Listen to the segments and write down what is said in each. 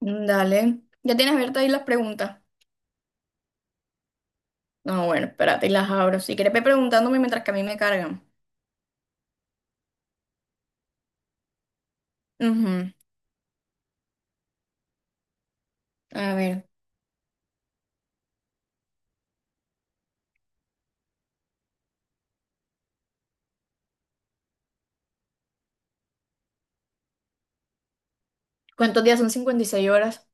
Dale. ¿Ya tienes abiertas ahí las preguntas? No, bueno, espérate y las abro. Si quieres, ve preguntándome mientras que a mí me cargan. Ujú. A ver, ¿cuántos días son 56 horas?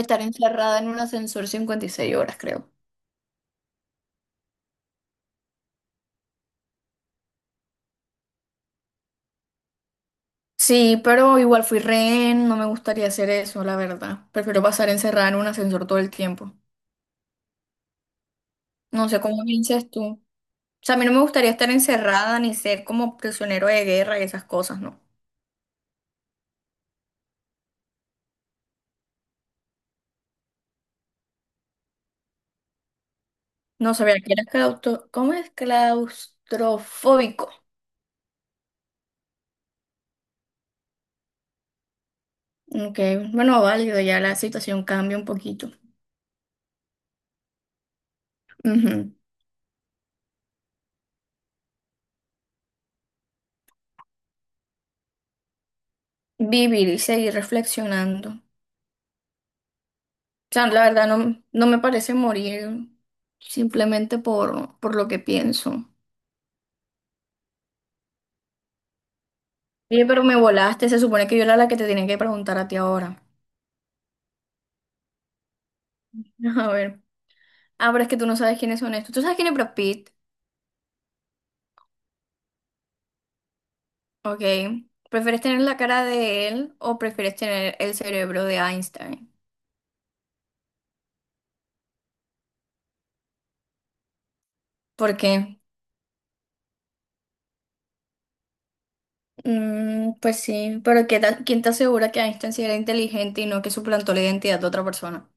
Estar encerrada en un ascensor 56 horas, creo. Sí, pero igual fui rehén, no me gustaría hacer eso, la verdad. Prefiero pasar encerrada en un ascensor todo el tiempo. No sé cómo piensas tú. O sea, a mí no me gustaría estar encerrada ni ser como prisionero de guerra y esas cosas, ¿no? No sabía que eras claustro... ¿Cómo es claustrofóbico? Ok, bueno, válido, ya la situación cambia un poquito. Ujú. Vivir y seguir reflexionando. O sea, la verdad no, no me parece morir simplemente por lo que pienso. Oye, pero me volaste, se supone que yo era la que te tenía que preguntar a ti ahora. A ver. Ah, pero es que tú no sabes quiénes son estos. ¿Tú sabes quién es Brad Pitt? Ok. ¿Prefieres tener la cara de él o prefieres tener el cerebro de Einstein? ¿Por qué? Mm, pues sí, pero ¿qué tal- ¿quién te asegura que Einstein sí era inteligente y no que suplantó la identidad de otra persona?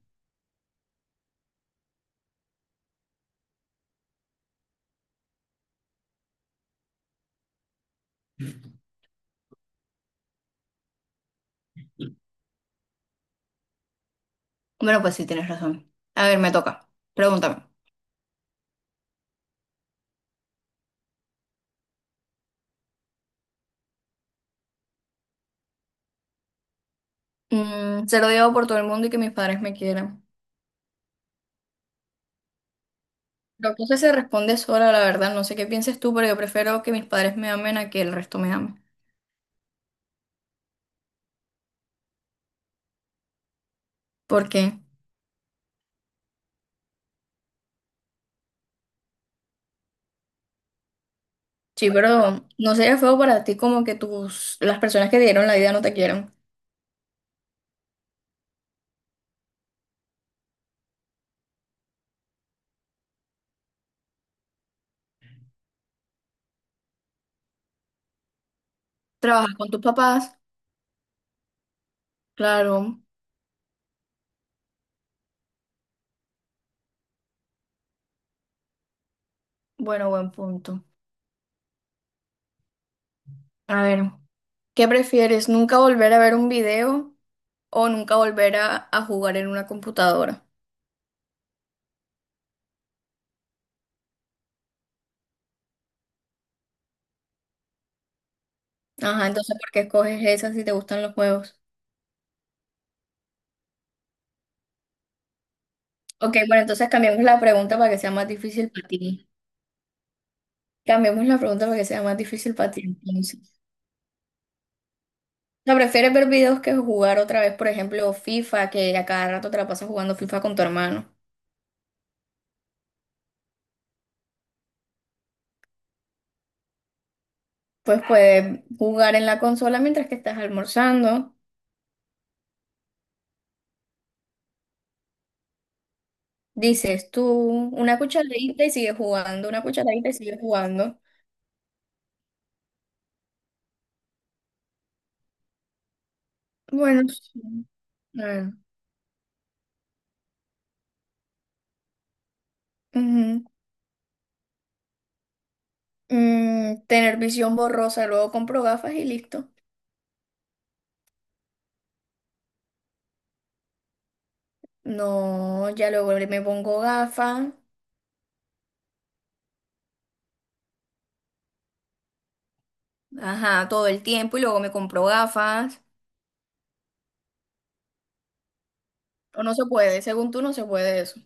Bueno, pues sí, tienes razón. A ver, me toca. Pregúntame. Mm, ser odiado por todo el mundo y que mis padres me quieran. La cosa se responde sola, la verdad. No sé qué pienses tú, pero yo prefiero que mis padres me amen a que el resto me ame. ¿Por qué? Sí, pero no sería feo para ti como que las personas que te dieron la vida no te quieran. Trabajas con tus papás, claro. Bueno, buen punto. A ver. ¿Qué prefieres? ¿Nunca volver a ver un video o nunca volver a jugar en una computadora? Ajá, entonces, ¿por qué escoges esa si te gustan los juegos? Ok, bueno, entonces cambiamos la pregunta para que sea más difícil para ti. Cambiamos la pregunta para que sea más difícil para ti, entonces. O sea, ¿prefieres ver videos que jugar otra vez, por ejemplo, FIFA, que a cada rato te la pasas jugando FIFA con tu hermano? Pues puedes jugar en la consola mientras que estás almorzando. Dices tú una cucharadita y sigues jugando, una cucharadita y sigues jugando. Bueno, sí. Claro. Ujú. Mm, tener visión borrosa, luego compro gafas y listo. No, ya luego me pongo gafas, ajá, todo el tiempo y luego me compro gafas. O no se puede, según tú no se puede eso.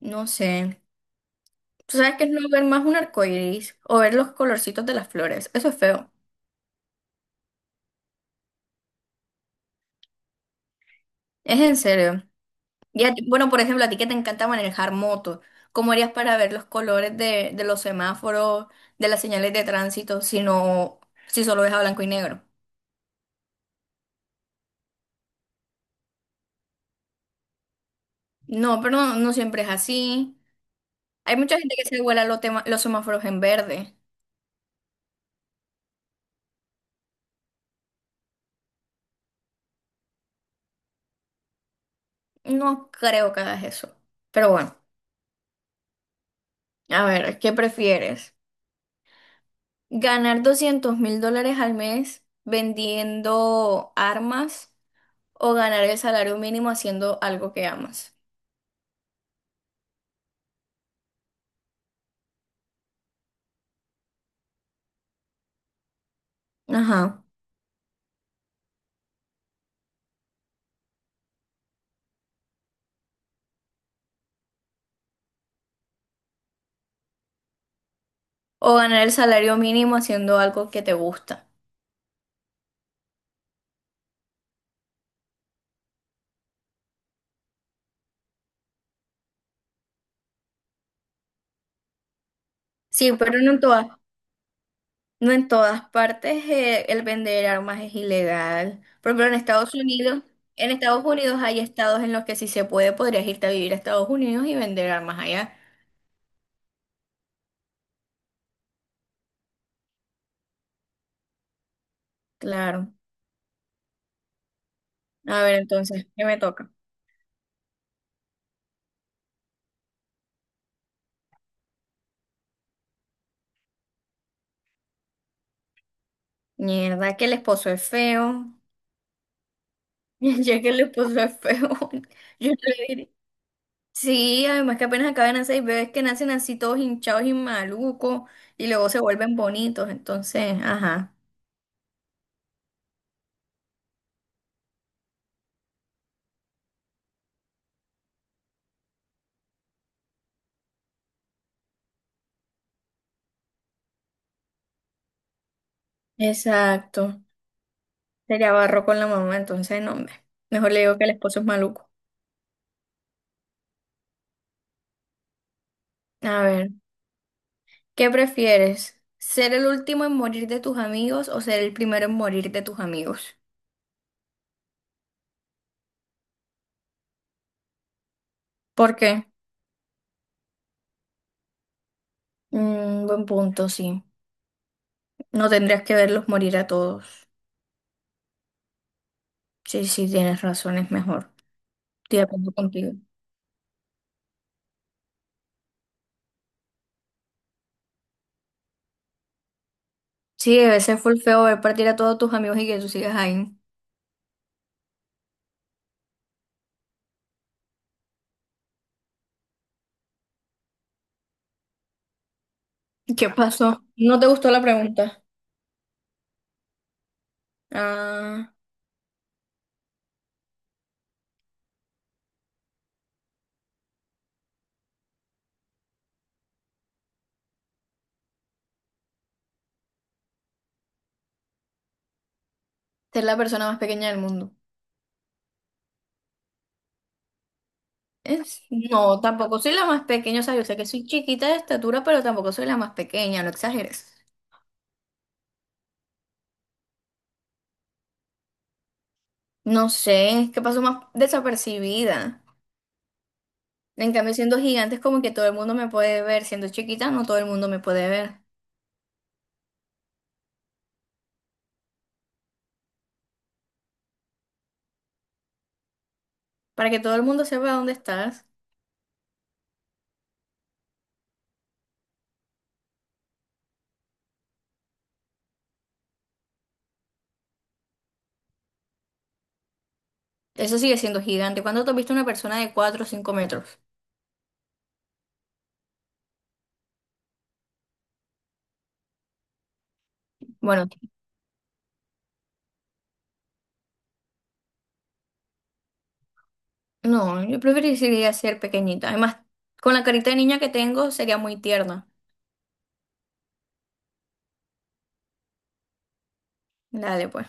No sé. ¿Tú sabes que es no ver más un arco iris o ver los colorcitos de las flores? Eso es feo. Es en serio. Y a ti- bueno, por ejemplo, a ti que te encanta manejar moto, ¿cómo harías para ver los colores de, los semáforos, de las señales de tránsito, si no, si solo ves a blanco y negro? No, pero no, no siempre es así. Hay mucha gente que se vuela los, tema- los semáforos en verde. No creo que hagas eso. Pero bueno, a ver, ¿qué prefieres? ¿Ganar 200.000 dólares al mes vendiendo armas o ganar el salario mínimo haciendo algo que amas? Ajá. O ganar el salario mínimo haciendo algo que te gusta. Sí, pero no en todas partes el vender armas es ilegal. Por ejemplo, en Estados Unidos hay estados en los que si se puede, podrías irte a vivir a Estados Unidos y vender armas allá. Claro. A ver, entonces, ¿qué me toca? Mierda, que el esposo es feo. Ya que el esposo es feo, yo no le diré. Sí, además que apenas acaban de seis bebés que nacen así todos hinchados y malucos y luego se vuelven bonitos. Entonces, ajá. Exacto. Sería barro con la mamá, entonces no, hombre. Mejor le digo que el esposo es maluco. A ver, ¿qué prefieres? ¿Ser el último en morir de tus amigos o ser el primero en morir de tus amigos? ¿Por qué? Mm, buen punto, sí. No tendrías que verlos morir a todos. Sí, sí, tienes razón, es mejor. Estoy de acuerdo contigo. Sí, debe ser full feo ver partir a todos tus amigos y que tú sigas ahí. ¿Qué pasó? ¿No te gustó la pregunta? Ah, ser la persona más pequeña del mundo. Es- no, tampoco soy la más pequeña, o sea, yo sé que soy chiquita de estatura, pero tampoco soy la más pequeña, no exageres. No sé, es que paso más desapercibida. En cambio, siendo gigante es como que todo el mundo me puede ver, siendo chiquita no todo el mundo me puede ver. Para que todo el mundo sepa dónde estás, eso sigue siendo gigante. ¿Cuándo te has visto una persona de 4 o 5 metros? Bueno, no, yo preferiría ser pequeñita. Además, con la carita de niña que tengo sería muy tierna. Dale, pues.